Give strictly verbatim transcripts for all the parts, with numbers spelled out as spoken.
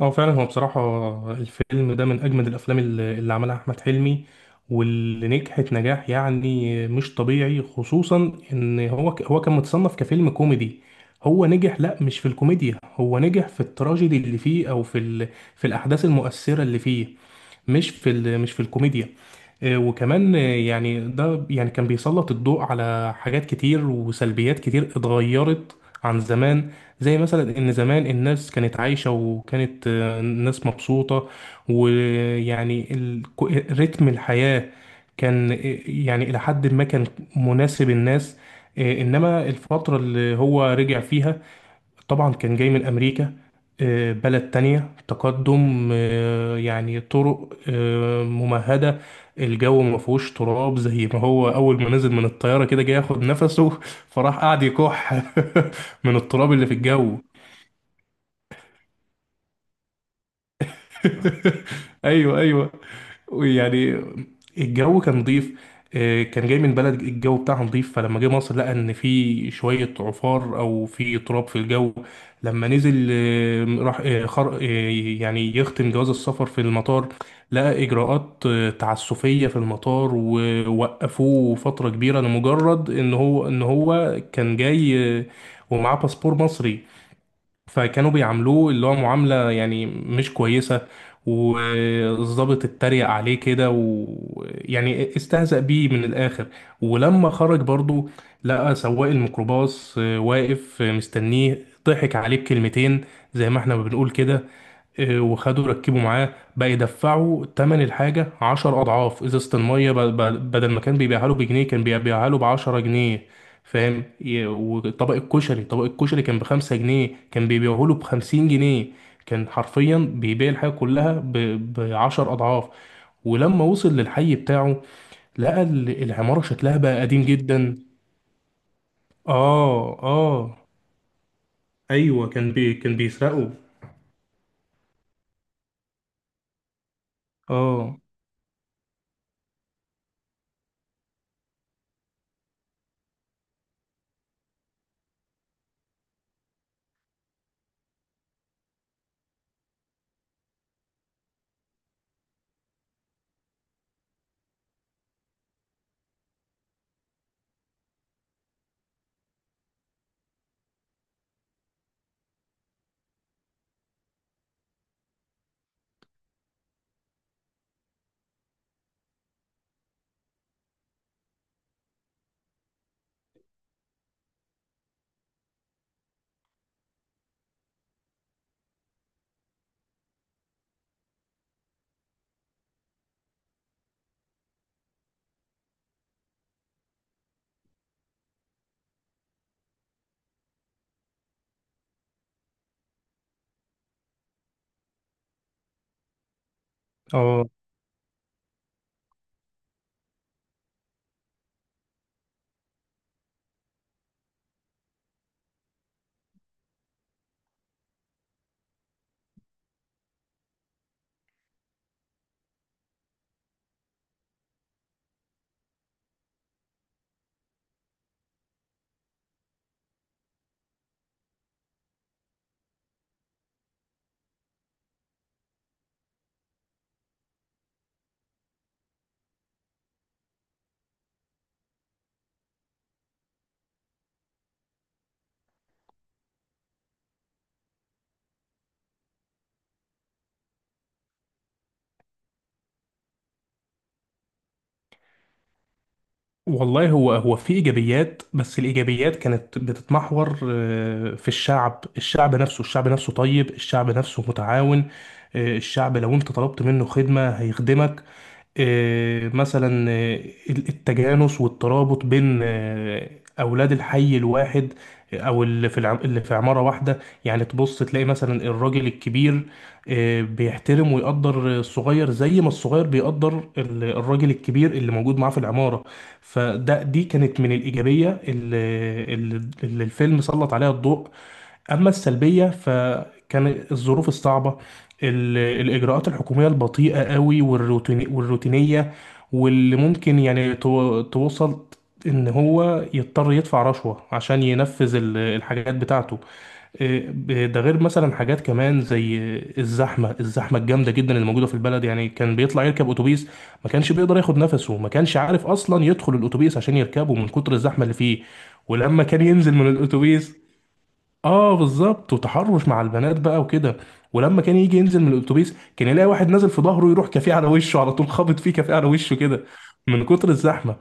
اه فعلا هو بصراحة، الفيلم ده من أجمد الأفلام اللي اللي عملها أحمد حلمي واللي نجحت نجاح يعني مش طبيعي، خصوصا إن هو ك- هو كان متصنف كفيلم كوميدي. هو نجح، لأ، مش في الكوميديا، هو نجح في التراجيدي اللي فيه أو في ال... في الأحداث المؤثرة اللي فيه، مش في ال- مش في الكوميديا. آه، وكمان، آه، يعني ده يعني كان بيسلط الضوء على حاجات كتير وسلبيات كتير اتغيرت عن زمان. زي مثلا ان زمان الناس كانت عايشة، وكانت، آه، الناس مبسوطة، ويعني ال- كو- رتم الحياة كان، آه، يعني الى حد ما كان مناسب الناس. آه، انما الفترة اللي هو رجع فيها، طبعا كان جاي من أمريكا، آه، بلد تانية تقدم، آه، يعني طرق آه، ممهدة، الجو ما فيهوش تراب. زي ما هو أول ما نزل من الطيارة كده جاي ياخد نفسه فراح قاعد يكح من التراب اللي في الجو. ايوه، ايوه، يعني الجو كان نظيف، آه، كان جاي من بلد الجو بتاعها نظيف، فلما جه مصر لقى ان في شويه عفار او في تراب في الجو. لما نزل آه، راح آه، خر... آه، يعني يختم جواز السفر في المطار، لقى اجراءات آه، تعسفيه في المطار، ووقفوه فتره كبيره لمجرد ان هو ان هو كان جاي، آه، ومعاه باسبور مصري، فكانوا بيعاملوه اللي هو معاملة يعني مش كويسة. والضابط اتريق عليه كده ويعني استهزأ بيه من الآخر. ولما خرج برضو لقى سواق الميكروباص آه، واقف آه، مستنيه، ضحك عليه بكلمتين زي ما احنا ما بنقول كده. إيه، وخدوا ركبوا معاه بقى يدفعوا تمن الحاجة عشر أضعاف. إزازة المية ب- ب- بدل ما كان بيبيعها له بجنيه كان بيبيعها له بعشرة جنيه. فاهم؟ ي- وطبق الكشري، طبق الكشري كان بخمسة جنيه، كان بيبيعه له بخمسين جنيه. كان حرفيا بيبيع الحاجة كلها ب- بعشر أضعاف. ولما وصل للحي بتاعه لقى ال- العمارة شكلها بقى قديم جدا. آه، آه، أيوة، كان بي كان بيسرقوا. آه، آه، والله، هو هو في ايجابيات، بس الايجابيات كانت بتتمحور آه، في الشعب. الشعب نفسه الشعب نفسه طيب، الشعب نفسه متعاون. آه، الشعب لو انت طلبت منه خدمة هيخدمك. آه، مثلا آه، التجانس والترابط بين آه، اولاد الحي الواحد، آه، او اللي في العم- اللي في عمارة واحدة. يعني تبص تلاقي مثلا الراجل الكبير آه، بيحترم ويقدر الصغير، زي ما الصغير بيقدر ال- الراجل الكبير اللي موجود معاه في العمارة. فده دي كانت من الإيجابية اللي, اللي اللي الفيلم سلط عليها الضوء. أما السلبية فكان الظروف الصعبة، ال- الإجراءات الحكومية البطيئة قوي، والروتيني والروتينية، واللي ممكن يعني تو- توصل إن هو يضطر يدفع رشوة عشان ينفذ ال- الحاجات بتاعته. إيه، ب- ده غير مثلا حاجات كمان زي الزحمة. الزحمة الجامدة جدا اللي موجودة في البلد، يعني كان بيطلع يركب أتوبيس ما كانش بيقدر ياخد نفسه، ما كانش عارف أصلا يدخل الأتوبيس عشان يركبه من كتر الزحمة اللي فيه. ولما كان ينزل من الأتوبيس، اه بالظبط، وتحرش مع البنات بقى وكده. ولما كان يجي ينزل من الاتوبيس كان يلاقي واحد نازل في ظهره، يروح كافيه على وشه على طول، خابط فيه كافيه على وشه كده من كتر الزحمه.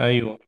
ايوه،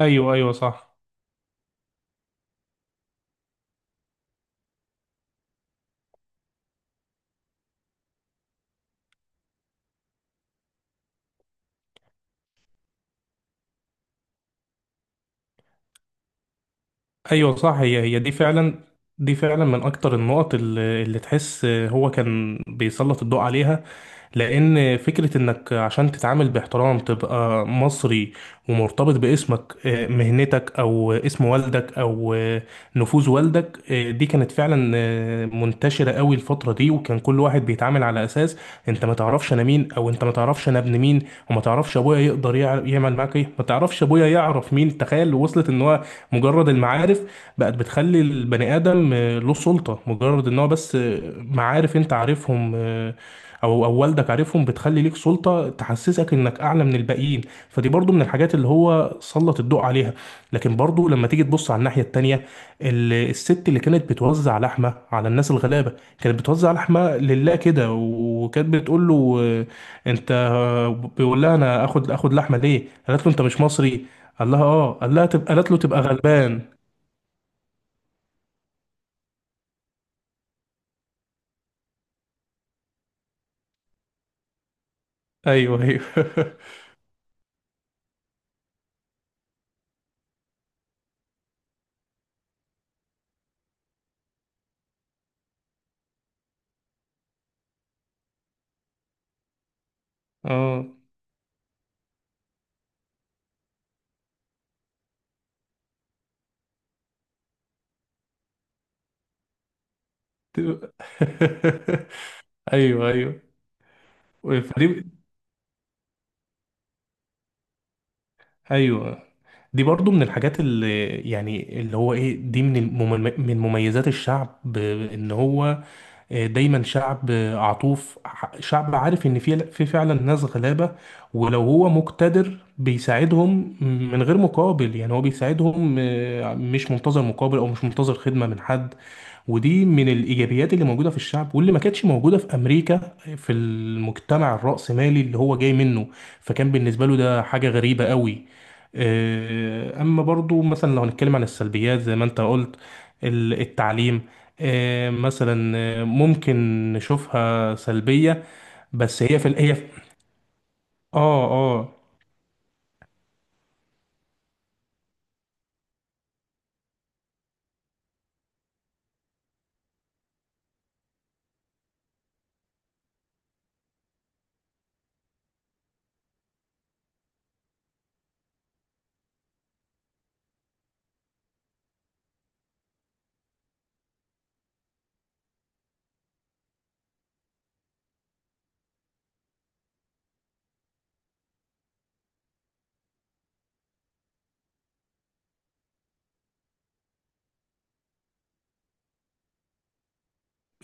ايوه. ايوه صح. ايوه صح، هي هي دي فعلا، دي فعلا من اكتر النقط اللي, اللي تحس هو كان بيسلط الضوء عليها. لان فكره انك عشان تتعامل باحترام تبقى مصري، ومرتبط باسمك، آه، مهنتك، او اسم والدك، او آه، نفوذ والدك، آه، دي كانت فعلا آه، منتشره قوي الفتره دي. وكان كل واحد بيتعامل على اساس انت ما تعرفش انا مين، او انت ما تعرفش انا ابن مين، وما تعرفش ابويا يقدر يع- يعمل معاك ايه، ما تعرفش ابويا يعرف مين. تخيل وصلت ان هو مجرد المعارف بقت بتخلي البني آدم آه، له سلطة، مجرد ان هو بس آه، معارف انت عارفهم، آه، او او والدك عارفهم، بتخلي ليك سلطة تحسسك انك اعلى من الباقيين. فدي برضو من الحاجات اللي هو سلط الضوء عليها. لكن برضو لما تيجي تبص على الناحية التانية، ال- الست اللي كانت بتوزع لحمة على الناس الغلابة، كانت بتوزع لحمة لله كده. وكانت بتقول له، آه، انت آه، بيقول لها انا اخد اخد لحمة ليه؟ قالت له انت مش مصري؟ قال لها اه، قال لها تبقى قالت له تبقى غلبان. ايوه، ايوه. اه، تبقى. ايوه، ايوه، فدي، ايوه، دي برضو من الحاجات اللي يعني اللي هو ايه، دي من المم- من مميزات الشعب. ب- ان هو آه، دايما شعب عطوف، شعب عارف ان في في فعلا ناس غلابة، ولو هو مقتدر بيساعدهم من غير مقابل. يعني هو بيساعدهم آه، مش منتظر مقابل، او مش منتظر خدمة من حد. ودي من الايجابيات اللي موجودة في الشعب، واللي ما كانتش موجودة في امريكا، في المجتمع الرأسمالي اللي هو جاي منه، فكان بالنسبة له ده حاجة غريبة قوي. آه، اما برضو مثلا لو هنتكلم عن السلبيات زي ما انت قلت، ال- التعليم، آه، مثلا آه، ممكن نشوفها سلبية، بس هي في ال- هي في-. اه، اه.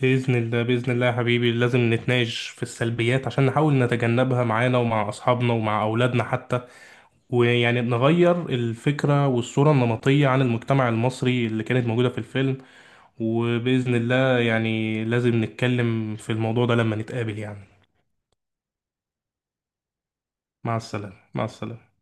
بإذن الله، بإذن الله يا حبيبي، لازم نتناقش في السلبيات عشان نحاول نتجنبها معانا ومع أصحابنا ومع أولادنا حتى، ويعني نغير الفكرة والصورة النمطية عن المجتمع المصري اللي كانت موجودة في الفيلم. وبإذن الله يعني لازم نتكلم في الموضوع ده لما نتقابل يعني. مع السلامة، مع السلامة.